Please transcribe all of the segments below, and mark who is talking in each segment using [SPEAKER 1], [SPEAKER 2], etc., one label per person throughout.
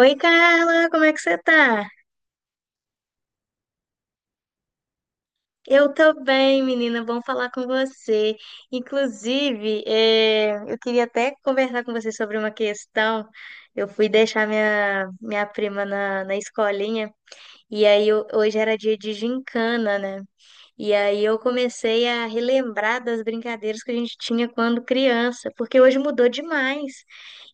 [SPEAKER 1] Oi, Carla, como é que você tá? Eu tô bem, menina, bom falar com você. Inclusive, eu queria até conversar com você sobre uma questão. Eu fui deixar minha prima na escolinha e aí hoje era dia de gincana, né? E aí eu comecei a relembrar das brincadeiras que a gente tinha quando criança, porque hoje mudou demais.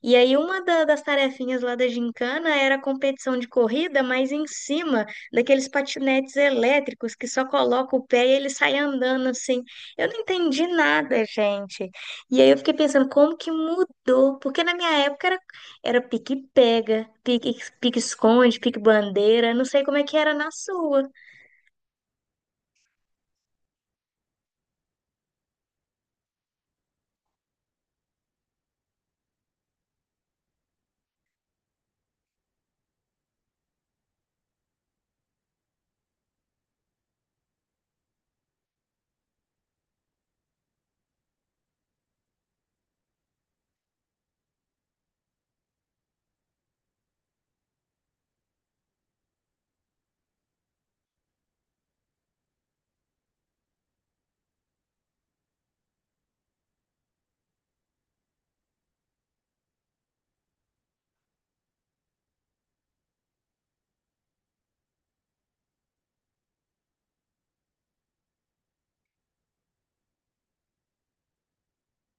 [SPEAKER 1] E aí uma das tarefinhas lá da gincana era a competição de corrida, mas em cima daqueles patinetes elétricos que só coloca o pé e ele sai andando assim. Eu não entendi nada, gente. E aí eu fiquei pensando, como que mudou? Porque na minha época era pique-pega, pique-esconde, pique-bandeira, não sei como é que era na sua.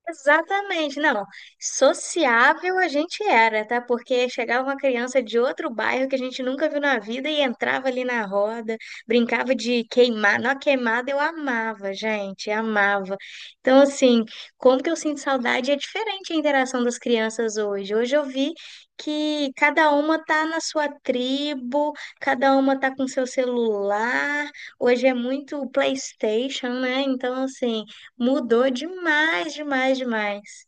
[SPEAKER 1] Exatamente, não. Sociável a gente era, tá? Porque chegava uma criança de outro bairro que a gente nunca viu na vida e entrava ali na roda, brincava de queimar. Na queimada eu amava, gente, amava. Então, assim, como que eu sinto saudade é diferente a interação das crianças hoje. Hoje eu vi que cada uma tá na sua tribo, cada uma tá com seu celular. Hoje é muito PlayStation, né? Então, assim. Mudou demais, demais, demais.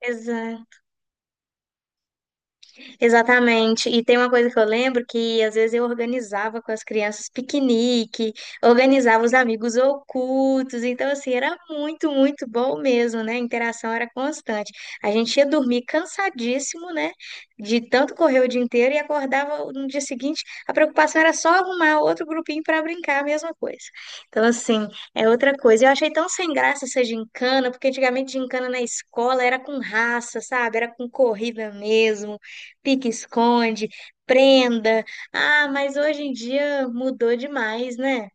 [SPEAKER 1] Exato. Exatamente. E tem uma coisa que eu lembro que às vezes eu organizava com as crianças piquenique, organizava os amigos ocultos. Então, assim, era muito, muito bom mesmo, né? A interação era constante. A gente ia dormir cansadíssimo, né? De tanto correr o dia inteiro e acordava no dia seguinte. A preocupação era só arrumar outro grupinho para brincar, a mesma coisa. Então, assim, é outra coisa. Eu achei tão sem graça essa gincana, porque antigamente gincana na escola era com raça, sabe? Era com corrida mesmo, pique-esconde, prenda. Ah, mas hoje em dia mudou demais, né?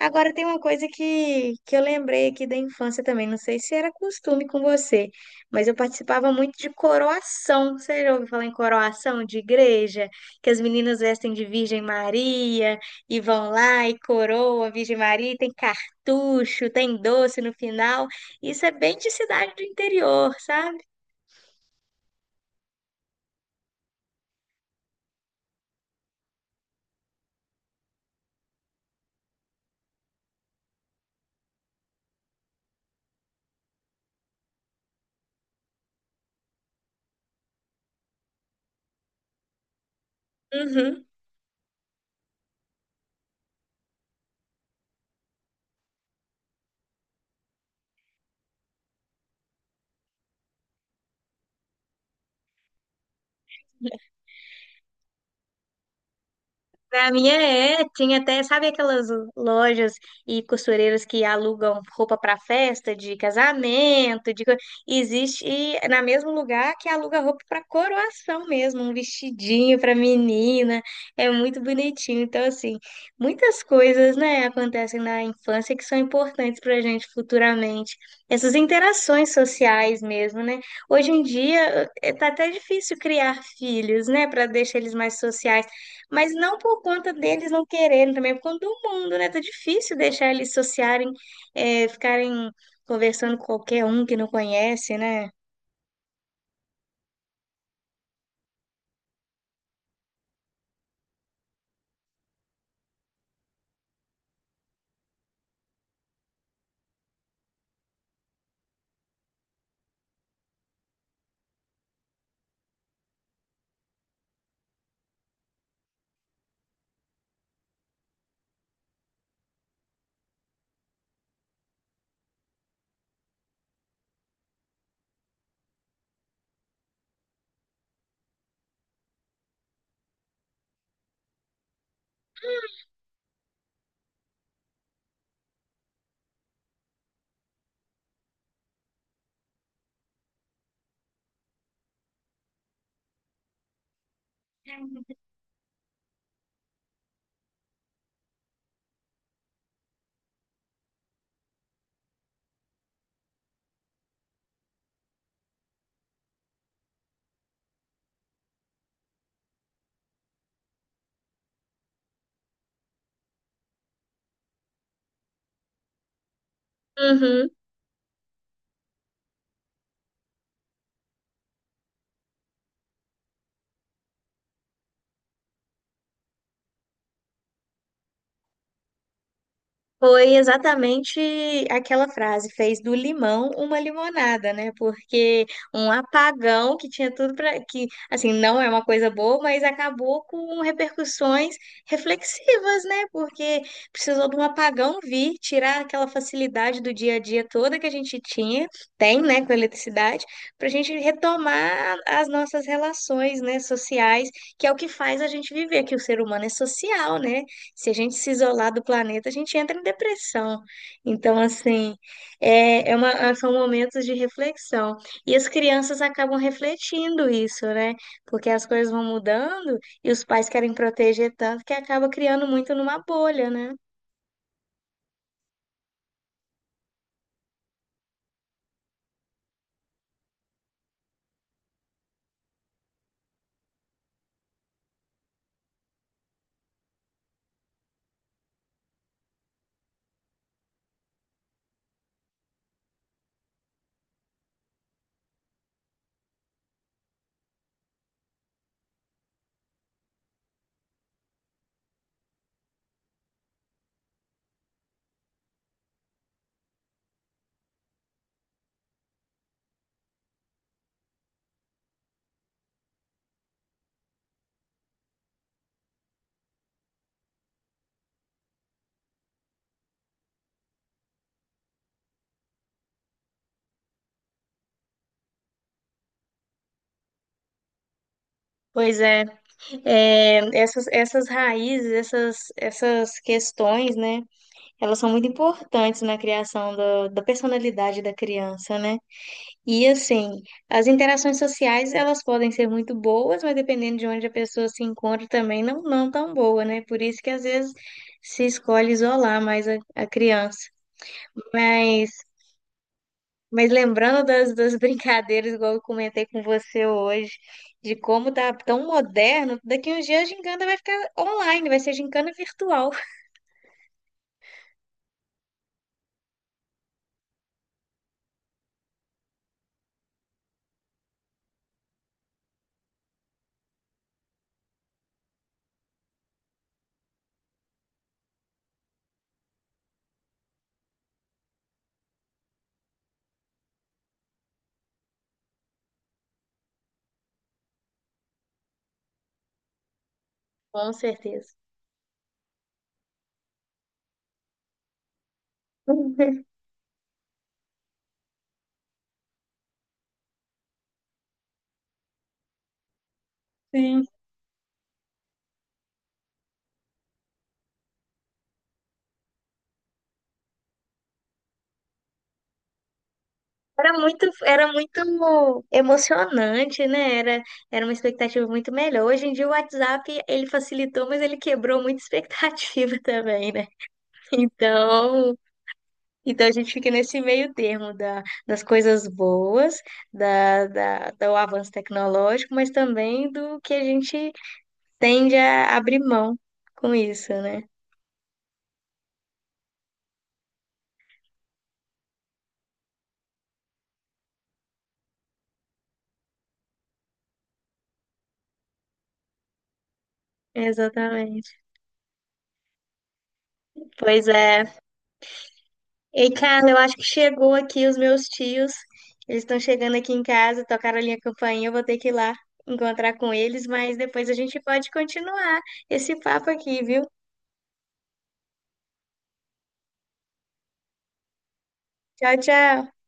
[SPEAKER 1] Agora tem uma coisa que eu lembrei aqui da infância também, não sei se era costume com você, mas eu participava muito de coroação. Você já ouviu falar em coroação de igreja? Que as meninas vestem de Virgem Maria e vão lá e coroa a Virgem Maria, e tem cartucho, tem doce no final. Isso é bem de cidade do interior, sabe? Uhum. Pra minha tinha até, sabe aquelas lojas e costureiras que alugam roupa pra festa, de casamento, existe e é na mesmo lugar que aluga roupa pra coroação mesmo, um vestidinho pra menina, é muito bonitinho. Então, assim, muitas coisas, né, acontecem na infância que são importantes pra gente futuramente. Essas interações sociais mesmo, né? Hoje em dia tá até difícil criar filhos, né, pra deixar eles mais sociais, mas não por conta deles não quererem também, por conta do mundo, né? Tá difícil deixar eles sociarem, é ficarem conversando com qualquer um que não conhece, né? Uhum. Foi exatamente aquela frase, fez do limão uma limonada, né? Porque um apagão que tinha tudo para que, assim, não é uma coisa boa, mas acabou com repercussões reflexivas, né? Porque precisou de um apagão vir, tirar aquela facilidade do dia a dia toda que a gente tinha, tem, né, com a eletricidade, para a gente retomar as nossas relações, né, sociais, que é o que faz a gente viver, que o ser humano é social, né? Se a gente se isolar do planeta, a gente entra em depressão. Então, assim, são momentos de reflexão. E as crianças acabam refletindo isso, né? Porque as coisas vão mudando e os pais querem proteger tanto que acaba criando muito numa bolha, né? Pois é, é, essas raízes, essas questões, né? Elas são muito importantes na criação da personalidade da criança, né? E assim, as interações sociais, elas podem ser muito boas, mas dependendo de onde a pessoa se encontra também não tão boa, né? Por isso que às vezes se escolhe isolar mais a criança. Mas, mas lembrando das brincadeiras, igual eu comentei com você hoje, de como tá tão moderno, daqui uns dias a gincana vai ficar online, vai ser gincana virtual. Com certeza. Sim. Era muito emocionante, né? Era uma expectativa muito melhor. Hoje em dia o WhatsApp, ele facilitou, mas ele quebrou muita expectativa também, né? Então, então a gente fica nesse meio termo das coisas boas, do avanço tecnológico, mas também do que a gente tende a abrir mão com isso, né? Exatamente. Pois é. Ei, Carla, eu acho que chegou aqui os meus tios. Eles estão chegando aqui em casa, tocaram a minha campainha, eu vou ter que ir lá encontrar com eles, mas depois a gente pode continuar esse papo aqui, viu? Tchau, tchau.